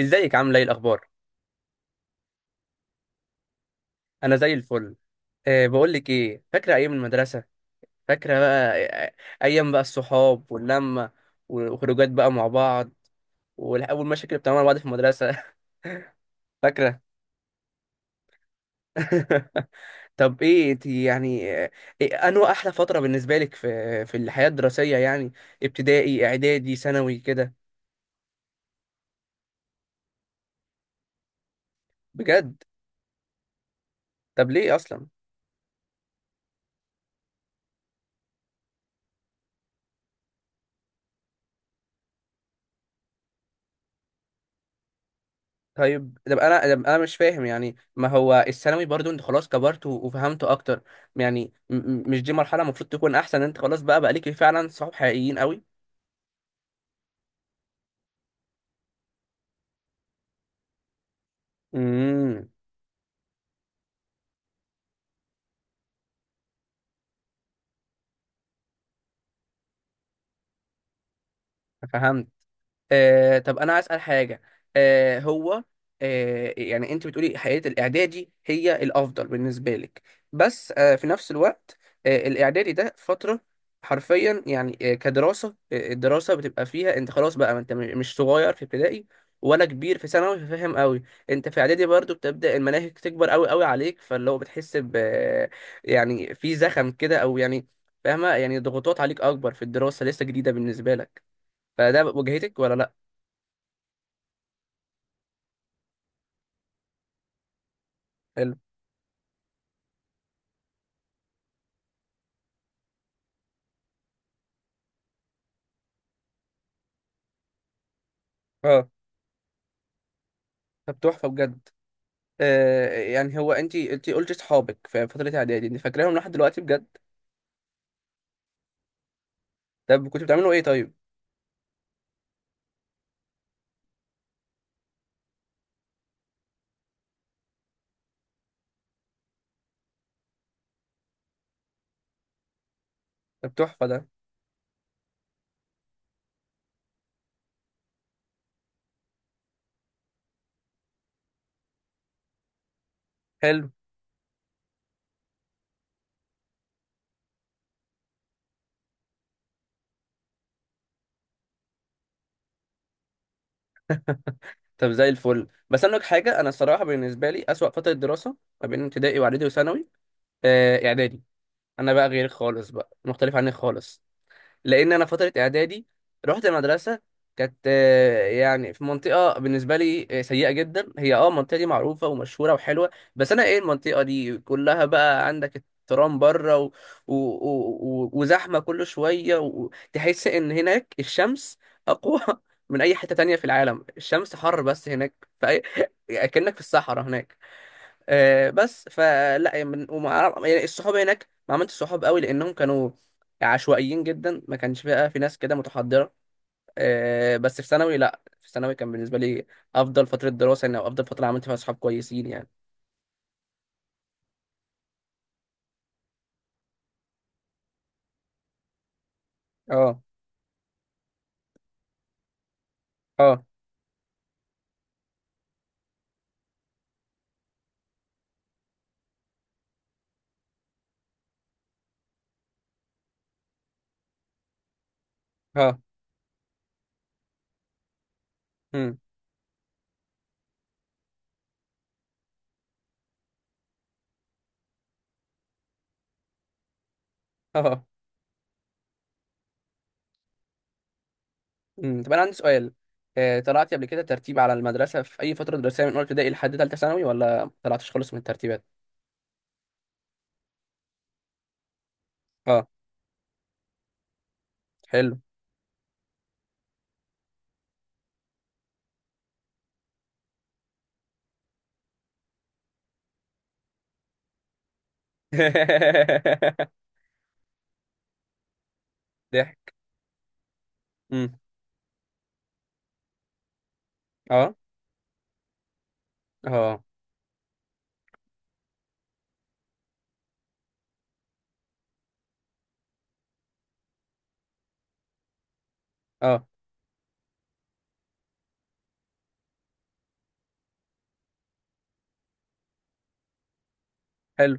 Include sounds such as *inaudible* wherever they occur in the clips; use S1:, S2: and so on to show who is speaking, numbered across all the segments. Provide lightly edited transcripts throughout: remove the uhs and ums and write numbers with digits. S1: ازيك عامله ايه الاخبار؟ انا زي الفل. بقول لك ايه، فاكره ايام المدرسه؟ فاكره بقى ايام بقى الصحاب واللمه، وخروجات بقى مع بعض، والاول مشاكل اللي بتعملها مع بعض في المدرسه. *laughs* فاكره؟ *laughs* طب ايه انت؟ يعني إيه انو احلى فتره بالنسبه لك في في الحياه الدراسيه يعني، ابتدائي اعدادي ثانوي كده؟ بجد؟ طب ليه اصلا؟ طيب، طب انا مش فاهم، يعني ما هو الثانوي برضو، انت خلاص كبرت وفهمت اكتر، يعني مش دي مرحله المفروض تكون احسن؟ انت خلاص بقى ليك فعلا صحاب حقيقيين قوي. امم فهمت. طب انا عايز اسال حاجه. آه هو يعني انت بتقولي حياه الاعدادي هي الافضل بالنسبه لك، بس في نفس الوقت، الاعدادي ده فتره، حرفيا يعني كدراسه، الدراسه بتبقى فيها انت خلاص بقى، ما انت مش صغير في ابتدائي ولا كبير في ثانوي، فاهم قوي. انت في اعدادي برضو بتبدا المناهج تكبر قوي قوي عليك، فاللي هو بتحس يعني في زخم كده او يعني، فاهمه؟ يعني ضغوطات عليك اكبر، في الدراسه لسه جديده بالنسبه لك، فده واجهتك ولا لا؟ حلو، اه. طب تحفه بجد. يعني هو انت قلت اصحابك في فتره اعدادي انت فاكراهم لحد دلوقتي، بجد؟ طب كنتوا بتعملوا ايه طيب؟ طب تحفه ده، حلو. طب زي الفل، بس انا لك حاجه، انا الصراحه بالنسبه لي اسوأ فتره دراسه ما بين ابتدائي واعدادي وثانوي، اعدادي. انا بقى غير خالص، بقى مختلف عنك خالص، لان انا فتره اعدادي رحت مدرسه كانت يعني في منطقه بالنسبه لي سيئه جدا. هي المنطقه دي معروفه ومشهوره وحلوه، بس انا ايه، المنطقه دي كلها بقى عندك الترام بره وزحمه كل شويه، وتحس ان هناك الشمس اقوى *laughs* من اي حته تانية في العالم، الشمس حر بس هناك. في أي... *laughs* كأنك في الصحراء هناك. بس فلا يعني يعني الصحاب هناك ما عملتش صحاب قوي، لانهم كانوا عشوائيين جدا، ما كانش بقى في ناس كده متحضره. بس في ثانوي، لا في ثانوي كان بالنسبه لي افضل فتره دراسه، يعني او افضل فتره عملت فيها صحاب كويسين يعني. اه، اه، اه، امم، اه، امم. طب انا عندي سؤال، طلعتي قبل كده ترتيب على المدرسه في اي فتره دراسيه من اولى ابتدائي لحد ثالثه ثانوي، ولا ما طلعتش خالص من الترتيبات؟ اه، حلو. *laughs* ضحك. امم، اه، اه، اه، حلو.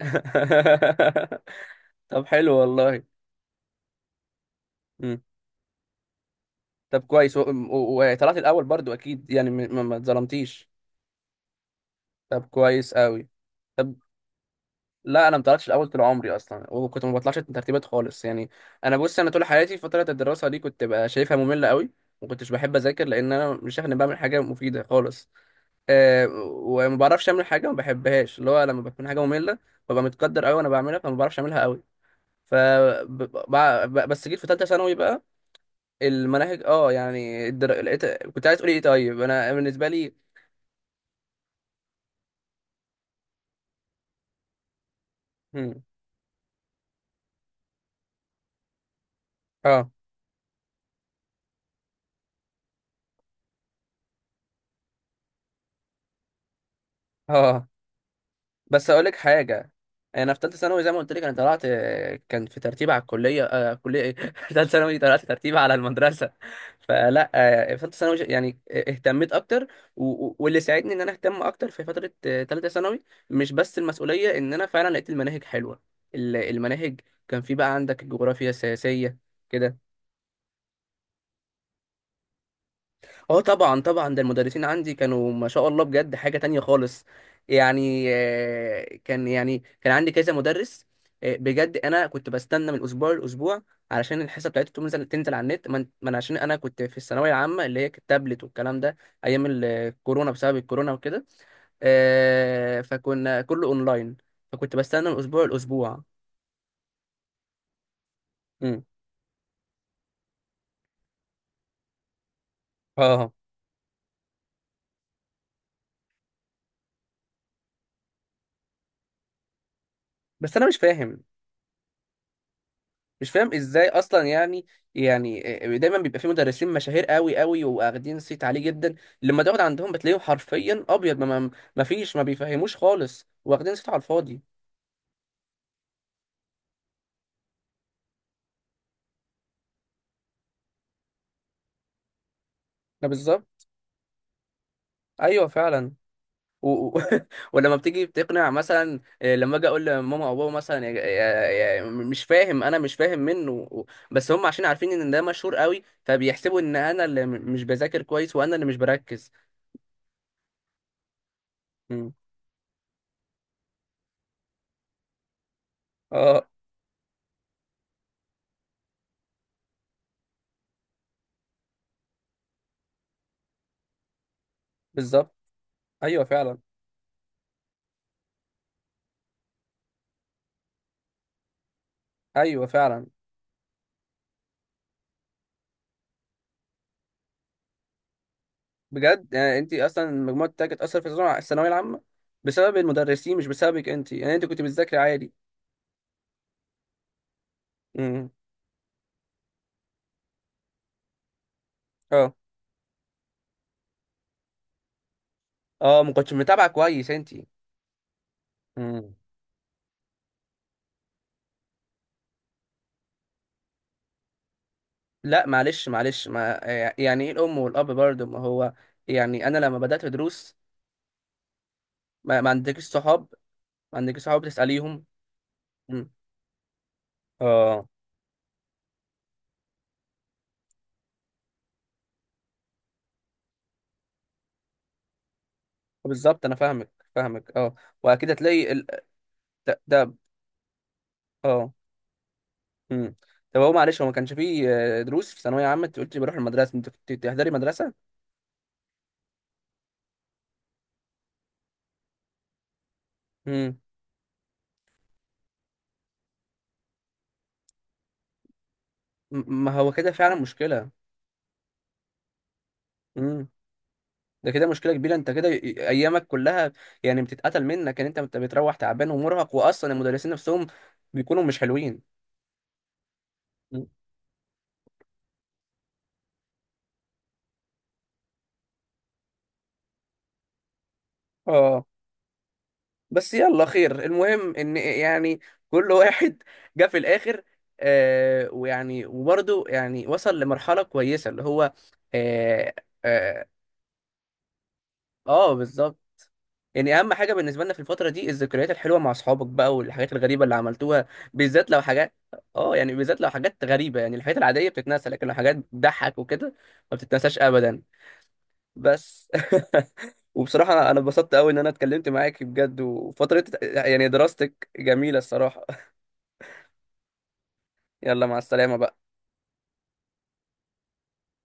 S1: *laughs* طب حلو والله. مم. طب كويس، وطلعت الاول برضو اكيد، يعني ما اتظلمتيش؟ طب كويس قوي. طب لا، انا ما طلعتش الاول طول عمري اصلا، وكنت ما بطلعش ترتيبات خالص يعني. انا بص، انا طول حياتي فتره الدراسه دي كنت بقى شايفها ممله قوي، ما كنتش بحب اذاكر، لان انا مش شايف اني بعمل حاجه مفيده خالص. أه وما بعرفش اعمل حاجه ما بحبهاش، اللي هو لما بكون حاجه ممله ببقى متقدر قوي وانا بعملها، فما بعرفش اعملها قوي. ف ب- بس جيت في ثالثه ثانوي بقى، المناهج اه، يعني كنت عايز تقولي ايه؟ طيب انا بالنسبه لي، هم. اه، اه، بس اقول لك حاجه. انا في ثالثه ثانوي زي ما قلت لك انا طلعت، كان في ترتيب على الكليه، كليه ايه *laughs* ثالثه ثانوي، طلعت ترتيب على المدرسه. فلا في ثالثه ثانوي يعني اهتميت اكتر، واللي ساعدني ان انا اهتم اكتر في فتره ثالثه ثانوي، مش بس المسؤوليه، ان انا فعلا لقيت المناهج حلوه. المناهج، كان في بقى عندك الجغرافيا السياسيه كده. اه طبعا طبعا، ده المدرسين عندي كانوا ما شاء الله، بجد حاجة تانية خالص. يعني كان يعني كان عندي كذا مدرس، بجد انا كنت بستنى من اسبوع لاسبوع، علشان الحصه بتاعته تنزل تنزل على النت، من عشان انا كنت في الثانويه العامه، اللي هي التابلت والكلام ده، ايام الكورونا بسبب الكورونا وكده. فكنا كله اونلاين، فكنت بستنى من اسبوع لاسبوع. مم. اه، بس انا مش فاهم، مش فاهم ازاي اصلا يعني، يعني دايما بيبقى في مدرسين مشاهير قوي قوي، واخدين صيت عليه جدا، لما تقعد عندهم بتلاقيهم حرفيا ابيض، ما فيش، ما بيفهموش خالص، واخدين صيت على الفاضي. ده بالظبط. ايوه فعلا. و... و- *laughs* ولما بتيجي بتقنع مثلا إيه، لما اجي اقول لماما او بابا مثلا، مش فاهم، انا مش فاهم منه، بس هم عشان عارفين ان ده مشهور قوي، فبيحسبوا ان انا اللي مش بذاكر كويس، وانا اللي مش بركز. مم. اه، بالظبط، ايوه فعلا، ايوه فعلا. بجد؟ يعني انت اصلا المجموع بتاعك اتاثر في الثانويه العامه بسبب المدرسين، مش بسببك انت، يعني انت كنت بتذاكري عادي. امم، اه، اه، ما كنتش متابعه كويس انت؟ امم. لا معلش معلش، ما يعني ايه الام والاب برضه، ما هو يعني انا لما بدات دروس، ما, ما عندكش صحاب، ما عندكش صحاب تساليهم؟ امم، اه، بالظبط انا فاهمك، فاهمك، اه. واكيد هتلاقي ده، اه، امم. طب، هو معلش، هو ما كانش فيه دروس في ثانويه عامه؟ انت قلتي بروح المدرسه، انت كنت بتحضري مدرسه؟ مم. ما هو كده فعلا مشكلة. امم، ده كده مشكلة كبيرة، انت كده ايامك كلها يعني بتتقتل منك، ان انت بتروح تعبان ومرهق، واصلا المدرسين نفسهم بيكونوا مش حلوين. م. اه، بس يلا خير، المهم ان يعني كل واحد جه في الاخر، ويعني وبرضه يعني وصل لمرحلة كويسة اللي هو. اه، آه، آه بالظبط. يعني اهم حاجه بالنسبه لنا في الفتره دي الذكريات الحلوه مع اصحابك بقى، والحاجات الغريبه اللي عملتوها، بالذات لو حاجات. اه، يعني بالذات لو حاجات غريبه، يعني الحاجات العاديه بتتنسى، لكن لو حاجات بتضحك وكده ما بتتنساش ابدا. بس *laughs* وبصراحه أنا اتبسطت قوي ان انا اتكلمت معاك بجد، وفتره يعني دراستك جميله الصراحه. *laughs* يلا مع السلامه بقى.